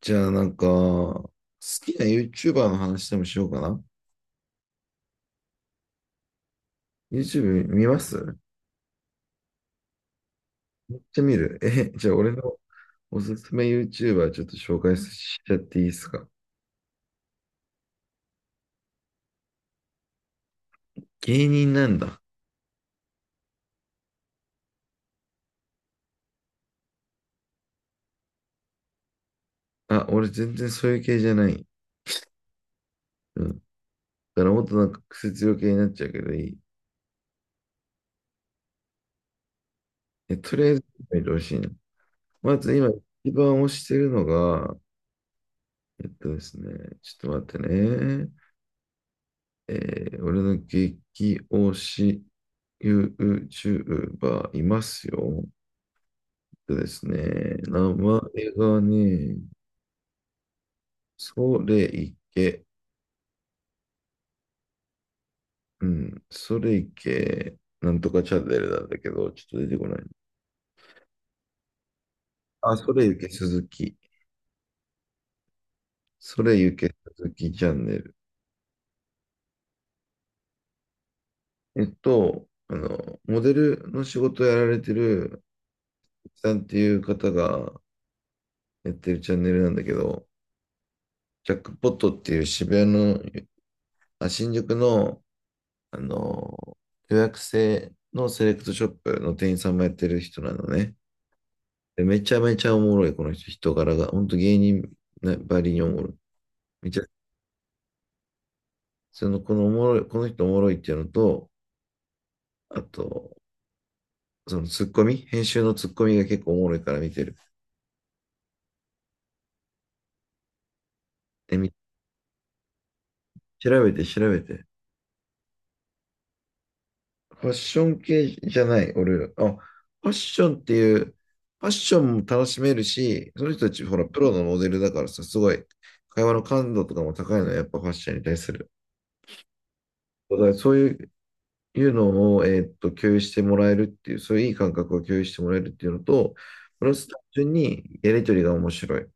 じゃあなんか、好きな YouTuber の話でもしようかな。YouTube 見ます。めっちゃ見る。え、じゃあ俺のおすすめ YouTuber ちょっと紹介しちゃっていいですか？芸人なんだ。あ、俺全然そういう系じゃない。うん。だからもっとなんか癖強系になっちゃうけどいい？え、とりあえず見てほしいな。まず今一番推してるのが、ですね、ちょっと待ってね。え俺の激推し YouTuber いますよ。でですね、名前がね、それいけ、うん、それいけ、なんとかチャンネルなんだけど、ちょっと出てこない。あ、それゆけ鈴木。それゆけ鈴木チャンネル。あの、モデルの仕事をやられてる、さんっていう方がやってるチャンネルなんだけど、ジャックポットっていう渋谷の、あ、新宿の、あの、予約制のセレクトショップの店員さんもやってる人なのね。で、めちゃめちゃおもろい、この人、人柄が。ほんと芸人なばりにおもろい。めちゃ、その、この人おもろいっていうのと、あと、そのツッコミ、編集のツッコミが結構おもろいから見てる。で、調べて調べて。ファッション系じゃない、俺。あ、ファッションっていう、ファッションも楽しめるし、その人たち、ほら、プロのモデルだからさ、すごい、会話の感度とかも高いのは、やっぱファッションに対する。だからそういう、いうのを、共有してもらえるっていう、そういういい感覚を共有してもらえるっていうのと、プラス単純にやりとりが面白い。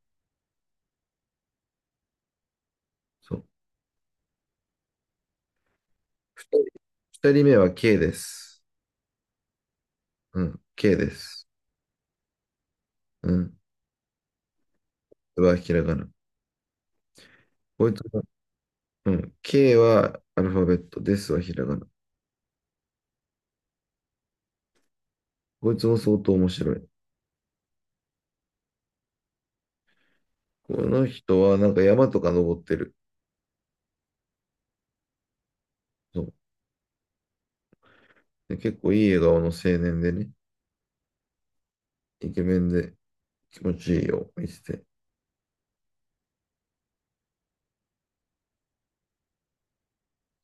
そう。二人二人目は K です。うん、K です。うん、はひらがな。こいつは、うん、K はアルファベット、ですはひらがな。こいつも相当面白い。この人はなんか山とか登ってる。そうで結構いい笑顔の青年でね、イケメンで気持ちいいよ、見てて。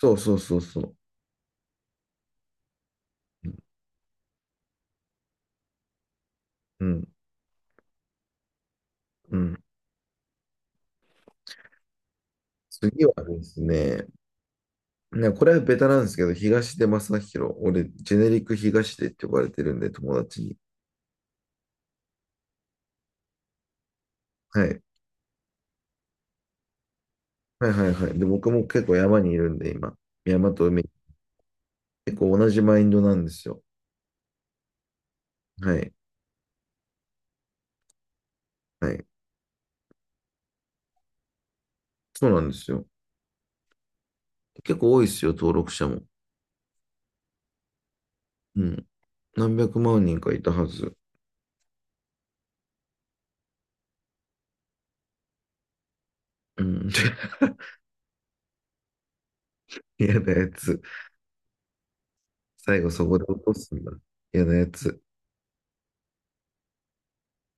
そうそうそうそう。うん、うん。次はですね、ね、これはベタなんですけど、東出昌大。俺、ジェネリック東出って呼ばれてるんで、友達に。はい。はいはいはい。で、僕も結構山にいるんで、今。山と海。結構同じマインドなんですよ。はい。はい。そうなんですよ。結構多いですよ、登録者も。うん。何百万人かいたはず。うん。嫌なやつ。最後そこで落とすんだ。嫌なやつ。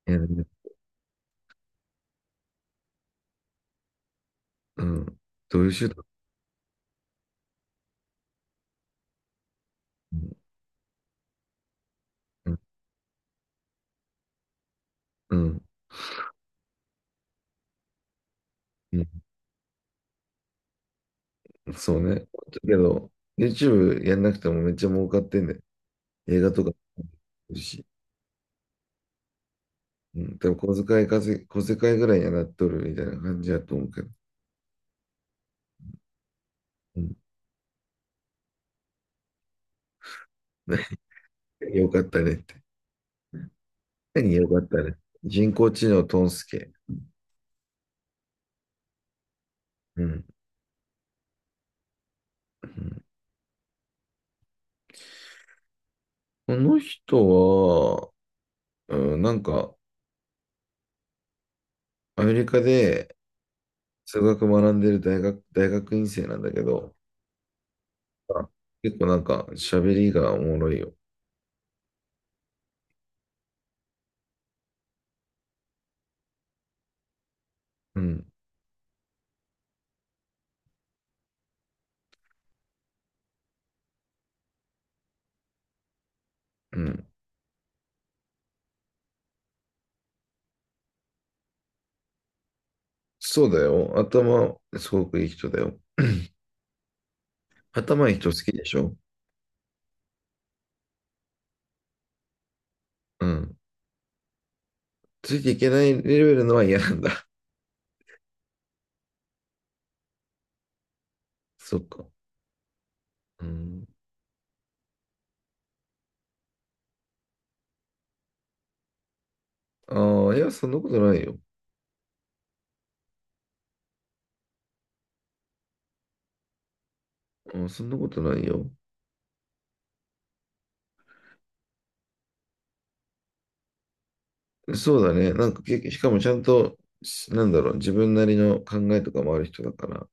嫌なやつ。うん。どういう手段？うん。うん。うん。うん。そうね。だけど、YouTube やんなくてもめっちゃ儲かってんだよ。映画とかもあるし。うん。多分小遣い稼ぎ、小遣いぐらいにはなっとるみたいな感じだと思うけど。うん。よかったねって。何よかったね。人工知能トンスケ。うん。うん。この人は、うん、なんか、アメリカで数学学んでる大学、大学院生なんだけど、あ、結構なんか喋りがおもろいよ。うん、うん。そうだよ。頭、すごくいい人だよ。頭いい人好きでしょ？うん。ついていけないレベルのは嫌なんだ。そっか。うん。ああ、いや、そんなことないよ。うん、そんなことないよ。そうだね。なんか、けしかもちゃんと、し、なんだろう、自分なりの考えとかもある人だから、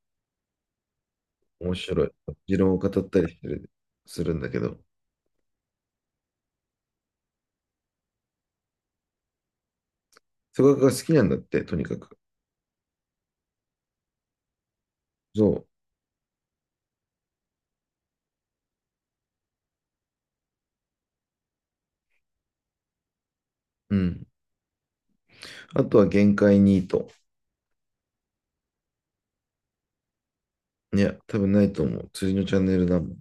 面白い。持論を語ったりしてる、するんだけど。数学が好きなんだって、とにかく。そう。うん。あとは限界ニート。いや、多分ないと思う。釣りのチャンネルだもん。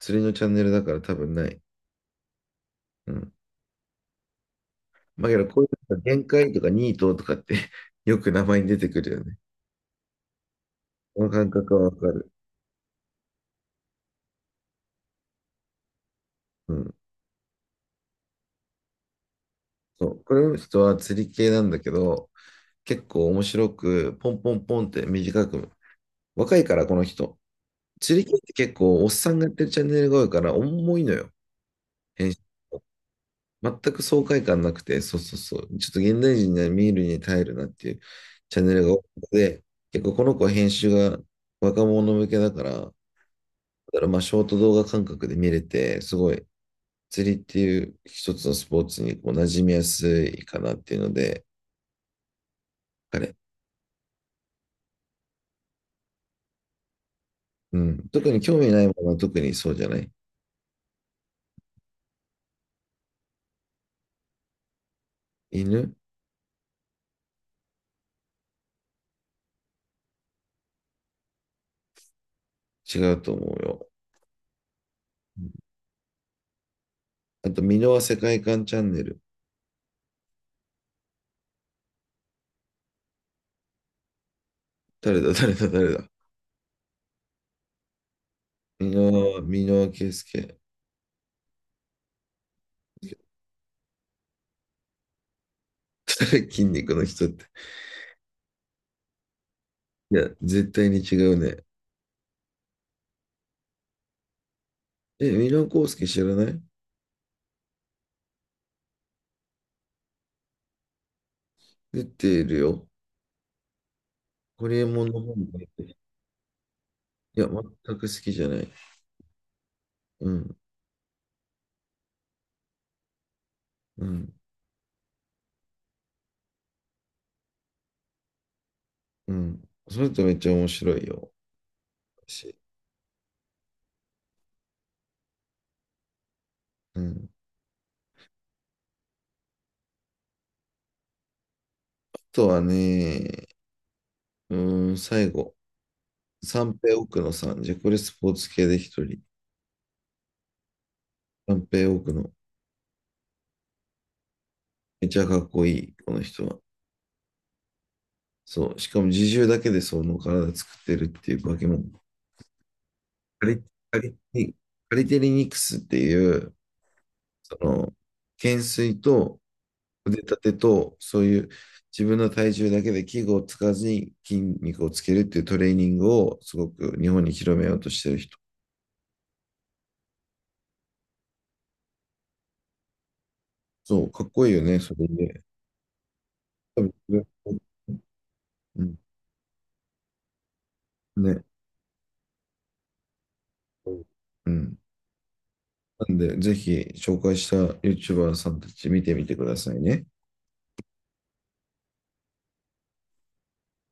釣りのチャンネルだから多分ない。うん。まあ、けどこういう限界とかニートとかって よく名前に出てくるよね。この感覚はわかる。うん。そう。これの人は釣り系なんだけど、結構面白く、ポンポンポンって短く。若いから、この人。釣り系って結構、おっさんがやってるチャンネルが多いから、重いのよ。編集全く爽快感なくて、そうそうそう。ちょっと現代人には見るに耐えるなっていうチャンネルが多くて、結構この子は編集が若者向けだから、だからまあショート動画感覚で見れて、すごい釣りっていう一つのスポーツにこう馴染みやすいかなっていうので、彼。うん。特に興味ないものは特にそうじゃない？犬、違うと思うよ。うん。あと、箕輪世界観チャンネル。誰だ誰だ誰だ。箕輪圭介。誰筋肉の人って。いや、絶対に違うね。え、ミラーコウスケ知らない？出てるよ。ホリエモンの本も出てる。いや、全く好きじゃない。うん、うん、うん。それとめっちゃ面白いよ。私。うん。あとはね、うーん、最後。三平奥野さん。じゃ、これスポーツ系で一人。三平奥野。めっちゃかっこいい、この人は。そう。しかも自重だけでその体作ってるっていう化け物。カリ、カリ、カリテリニクスっていう、その、懸垂と腕立てと、そういう自分の体重だけで器具を使わずに筋肉をつけるっていうトレーニングをすごく日本に広めようとしてる人。そう、かっこいいよね、それで。多分、うん、ね。うん。なんで、ぜひ紹介した YouTuber さんたち見てみてくださいね。